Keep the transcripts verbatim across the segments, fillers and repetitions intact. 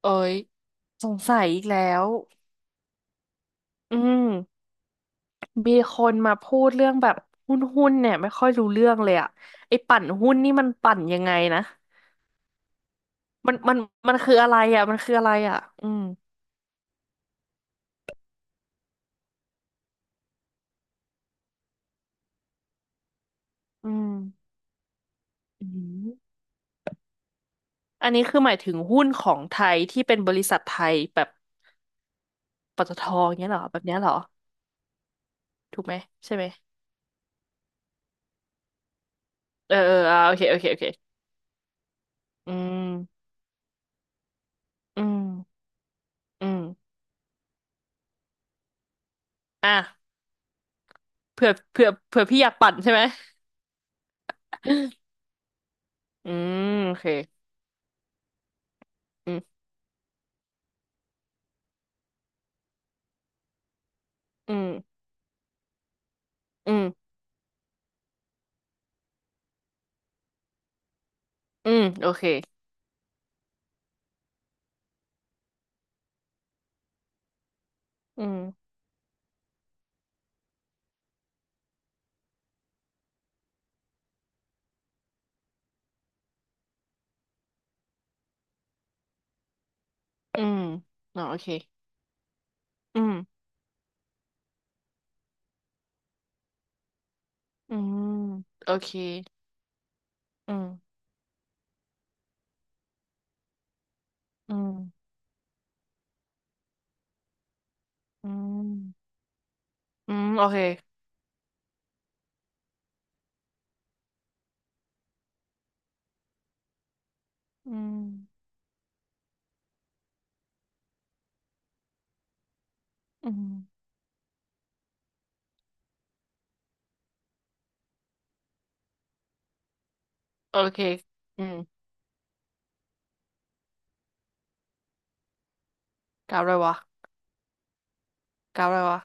เอ้ยสงสัยอีกแล้วอืมมีคนมาพูดเรื่องแบบหุ้นหุ้นเนี่ยไม่ค่อยรู้เรื่องเลยอะไอ้ปั่นหุ้นนี่มันปั่นยังไงนะมันมันมันคืออะไรอะมันคืออะไรอะอืมอืมอืมอันนี้คือหมายถึงหุ้นของไทยที่เป็นบริษัทไทยแบบปอ ตอ ทอเงี้ยเหรอแบบเนี้ยเหรอถูกไหมใช่ไหมเออเอออ่าโอเคโอเคโอเคอืมอืมอืมอ่ะเผื่อเผื่อเผื่อพี่อยากปั่นใช่ไหม อืมโอเคอืมอืม อืม อืม โอเค อืม อืมเนาโอเคอืม อืม โอเคอืมอืม อืม อืม โอเค อืม อืม โอเค อืมกราฟอะไรวะกราฟอะไรวะ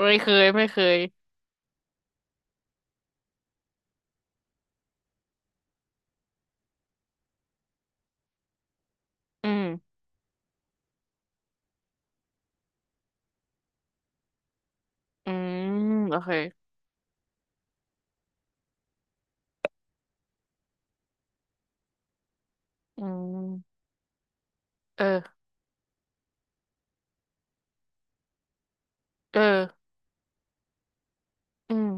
ไม่เคยไม่เคย อืม อืมโอเคอืมเออเอออืม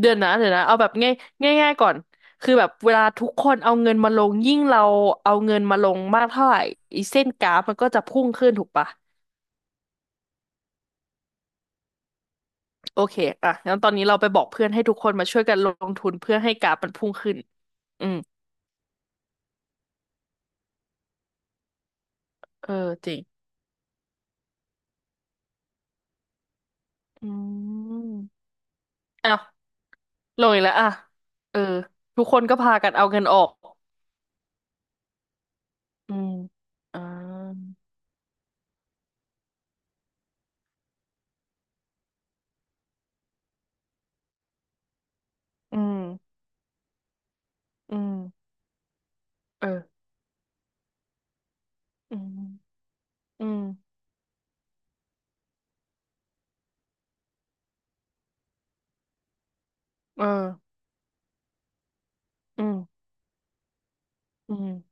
เดือนนะเดี๋ยวนะเอาแบบง่ายง่ายง่ายก่อนคือแบบเวลาทุกคนเอาเงินมาลงยิ่งเราเอาเงินมาลงมากเท่าไหร่อีเส้นกราฟมันก็จะพุ่งขึ้นถูกปะ โอเคอ่ะงั้นตอนนี้เราไปบอกเพื่อนให้ทุกคนมาช่วยกันลงทุนเพื่อให้กราฟมันพุ่งขึ้นอืมเออจริงอืมอ้าวลงอีกแล้วอ่ะเออทุกคนก็พากันเอาเงินออกอืมอ่าอืมอืมเอออืมอืมเอออืมอืม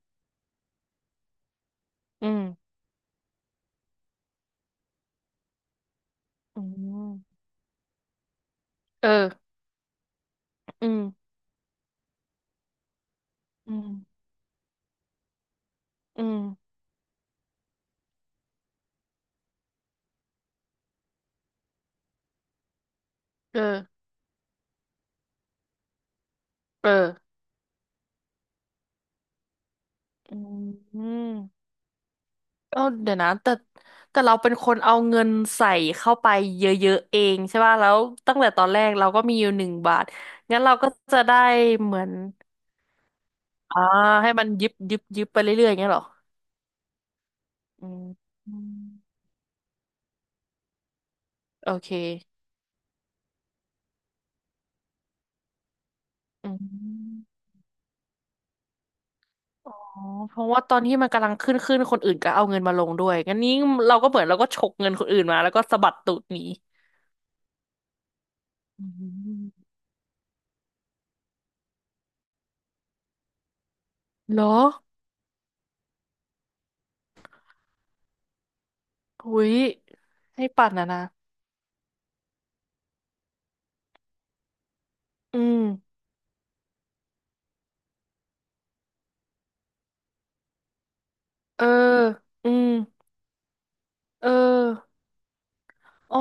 อืมอืมเอออืมอืมอืมเออเอออืม ก็เดี๋ยวนะแต่แต่เราเป็นคนเอาเงินใส่เข้าไปเยอะๆเองใช่ป่ะแล้วตั้งแต่ตอนแรกเราก็มีอยู่หนึ่งบาทงั้นเราก็จะได้เหมือนอ่าให้มันยิบยิบยิบไปเรื่อยๆอย่างเงี้ยเหรออืมอืมโอเคอืมอ๋อเพราะว่าตอนที่มันกำลังขึ้นขึ้นคนอื่นก็เอาเงินมาลงด้วยงั้นนี้เราก็เหมือนเราก็ฉกเงินคนอื่นมาแล้วก็สะบัดตูดหนีอืมเหรอหุยให้ปั่นนะนะอืมเอออืม เอออ๋อ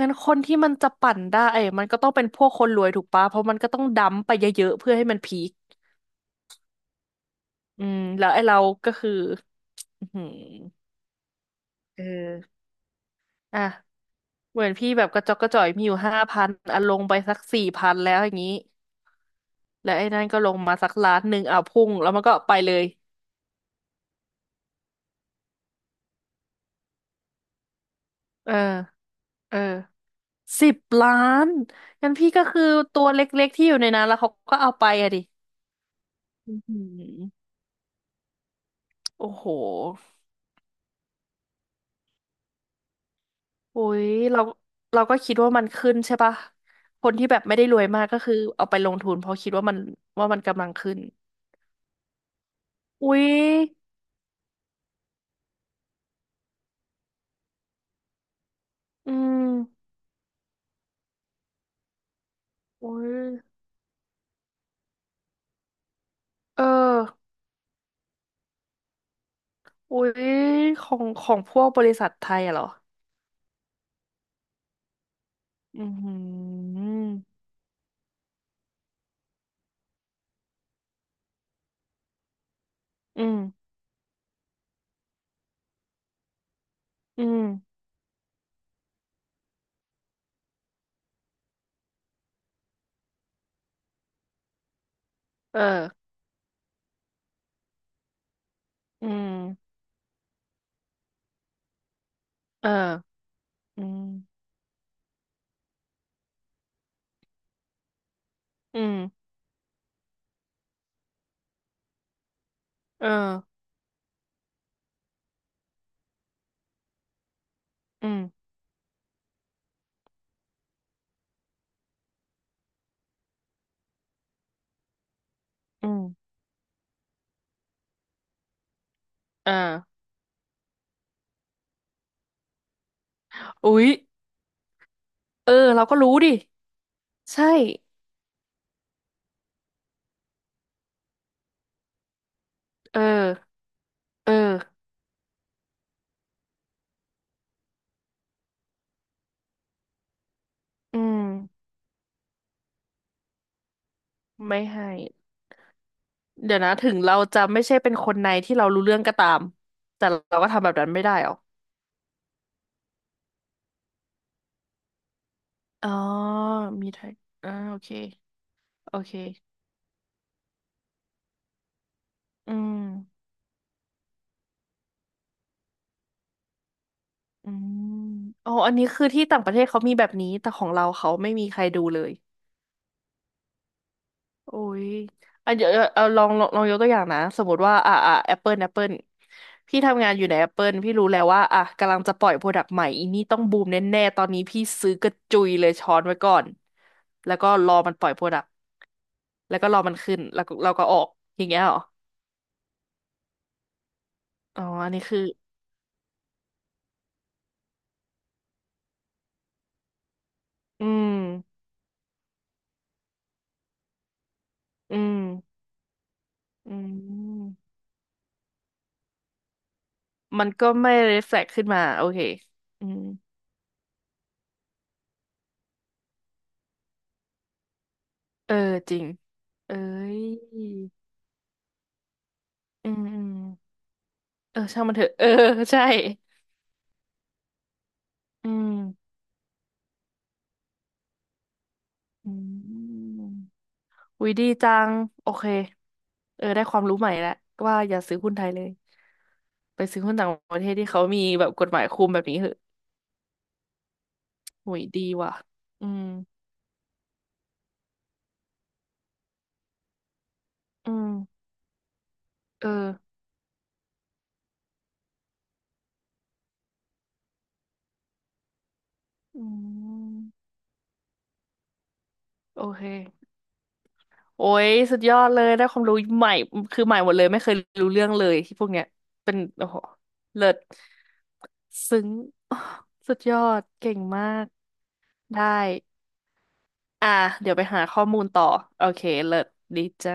งั้นคนที่มันจะปั่นได้มันก็ต้องเป็นพวกคนรวยถูกปะเพราะมันก็ต้องดัมไปเยอะๆเพื่อให้มันพีคอืมแล้วไอ้เราก็คืออือหือเอออ่ะเหมือนพี่แบบกระจอกกระจ่อยมีอยู่ห้าพันอ่ะลงไปสักสี่พันแล้วอย่างนี้แล้วไอ้นั่นก็ลงมาสักล้านหนึ่งอ่ะพุ่งแล้วมันก็ไปเลยเออเออสิบล้านงั้นพี่ก็คือตัวเล็กๆที่อยู่ในนั้นแล้วเขาก็เอาไปอะดิอือหือโอ้โห โอ้ยเราเราก็คิดว่ามันขึ้นใช่ปะคนที่แบบไม่ได้รวยมากก็คือเอาไปลงทุนเพราะคิดว่ามันว่ามันกำลังขึ้นอุ้ยอืมอุ้ยเอออุ้ยของของพวกบริษัทไทยอะเหรออืมอหืออืมอืมเอออืมเอออืมอืมเอออืมอืมเอออุ๊ยเออเราก็รู้ดิใช่เออเอออืมไม่ให้ เดี๋ยวนะถึงเราจะไม่ใช่เป็นคนในที่เรารู้เรื่องก็ตามแต่เราก็ทำแบบนั้นไม่ได้หรอ อ๋อ มีไทยอ่าโอเคโอเค อืมอืมอ๋ออันนี้คือที่ต่างประเทศเขามีแบบนี้แต่ของเราเขาไม่มีใครดูเลย โอ้ยอ่ะเดี๋ยวเอาลองลองลองยกตัวอย่างนะ สมมติว่าอ่ะอ่ะแอปเปิลแอปเปิลพี่ทำงานอยู่ในแอปเปิลพี่รู้แล้วว่าอ่ะกำลังจะปล่อยโปรดักต์ใหม่อีนี่ต้องบูมแน่ๆ ตอนนี้พี่ซื้อกระจุยเลยช้อนไว้ก่อน แล้วก็รอมันปล่อยโปรดักต์แล้วก็รอมันขึ้นแล้วก็เราก็ออกอย่างเงี้ยเหรอ อ๋ออันนี้คือ อืม อืม อืม มันก็ไม่ reflect ขึ้นมาโอเคอืมเออจริงเอ้ยอืมอืมเออช่างมันเถอะเออใช่ อืมอืมอุ๊ยดีจัง โอเคเออได้ความรู้ใหม่แล้วว่าอย่าซื้อหุ้นไทยเลย ไปซื้อหุ้นต่างประเทศที่เขามีแบบกฎหมายคุมแบบนี้เหอะหุยดีว่ะอืมอืมเอออืมโอเค โอ้ยสุดยอดเลยได้ความรู้ใหม่ คือใหม่หมดเลยไม่เคยรู้เรื่องเลยที่พวกเนี้ย เป็นโอ้โหเลิศซึ้ง สุดยอด เก่งมาก ได้ อ่ะเดี๋ยวไปหาข้อมูลต่อโอเคเลิศดีจ้า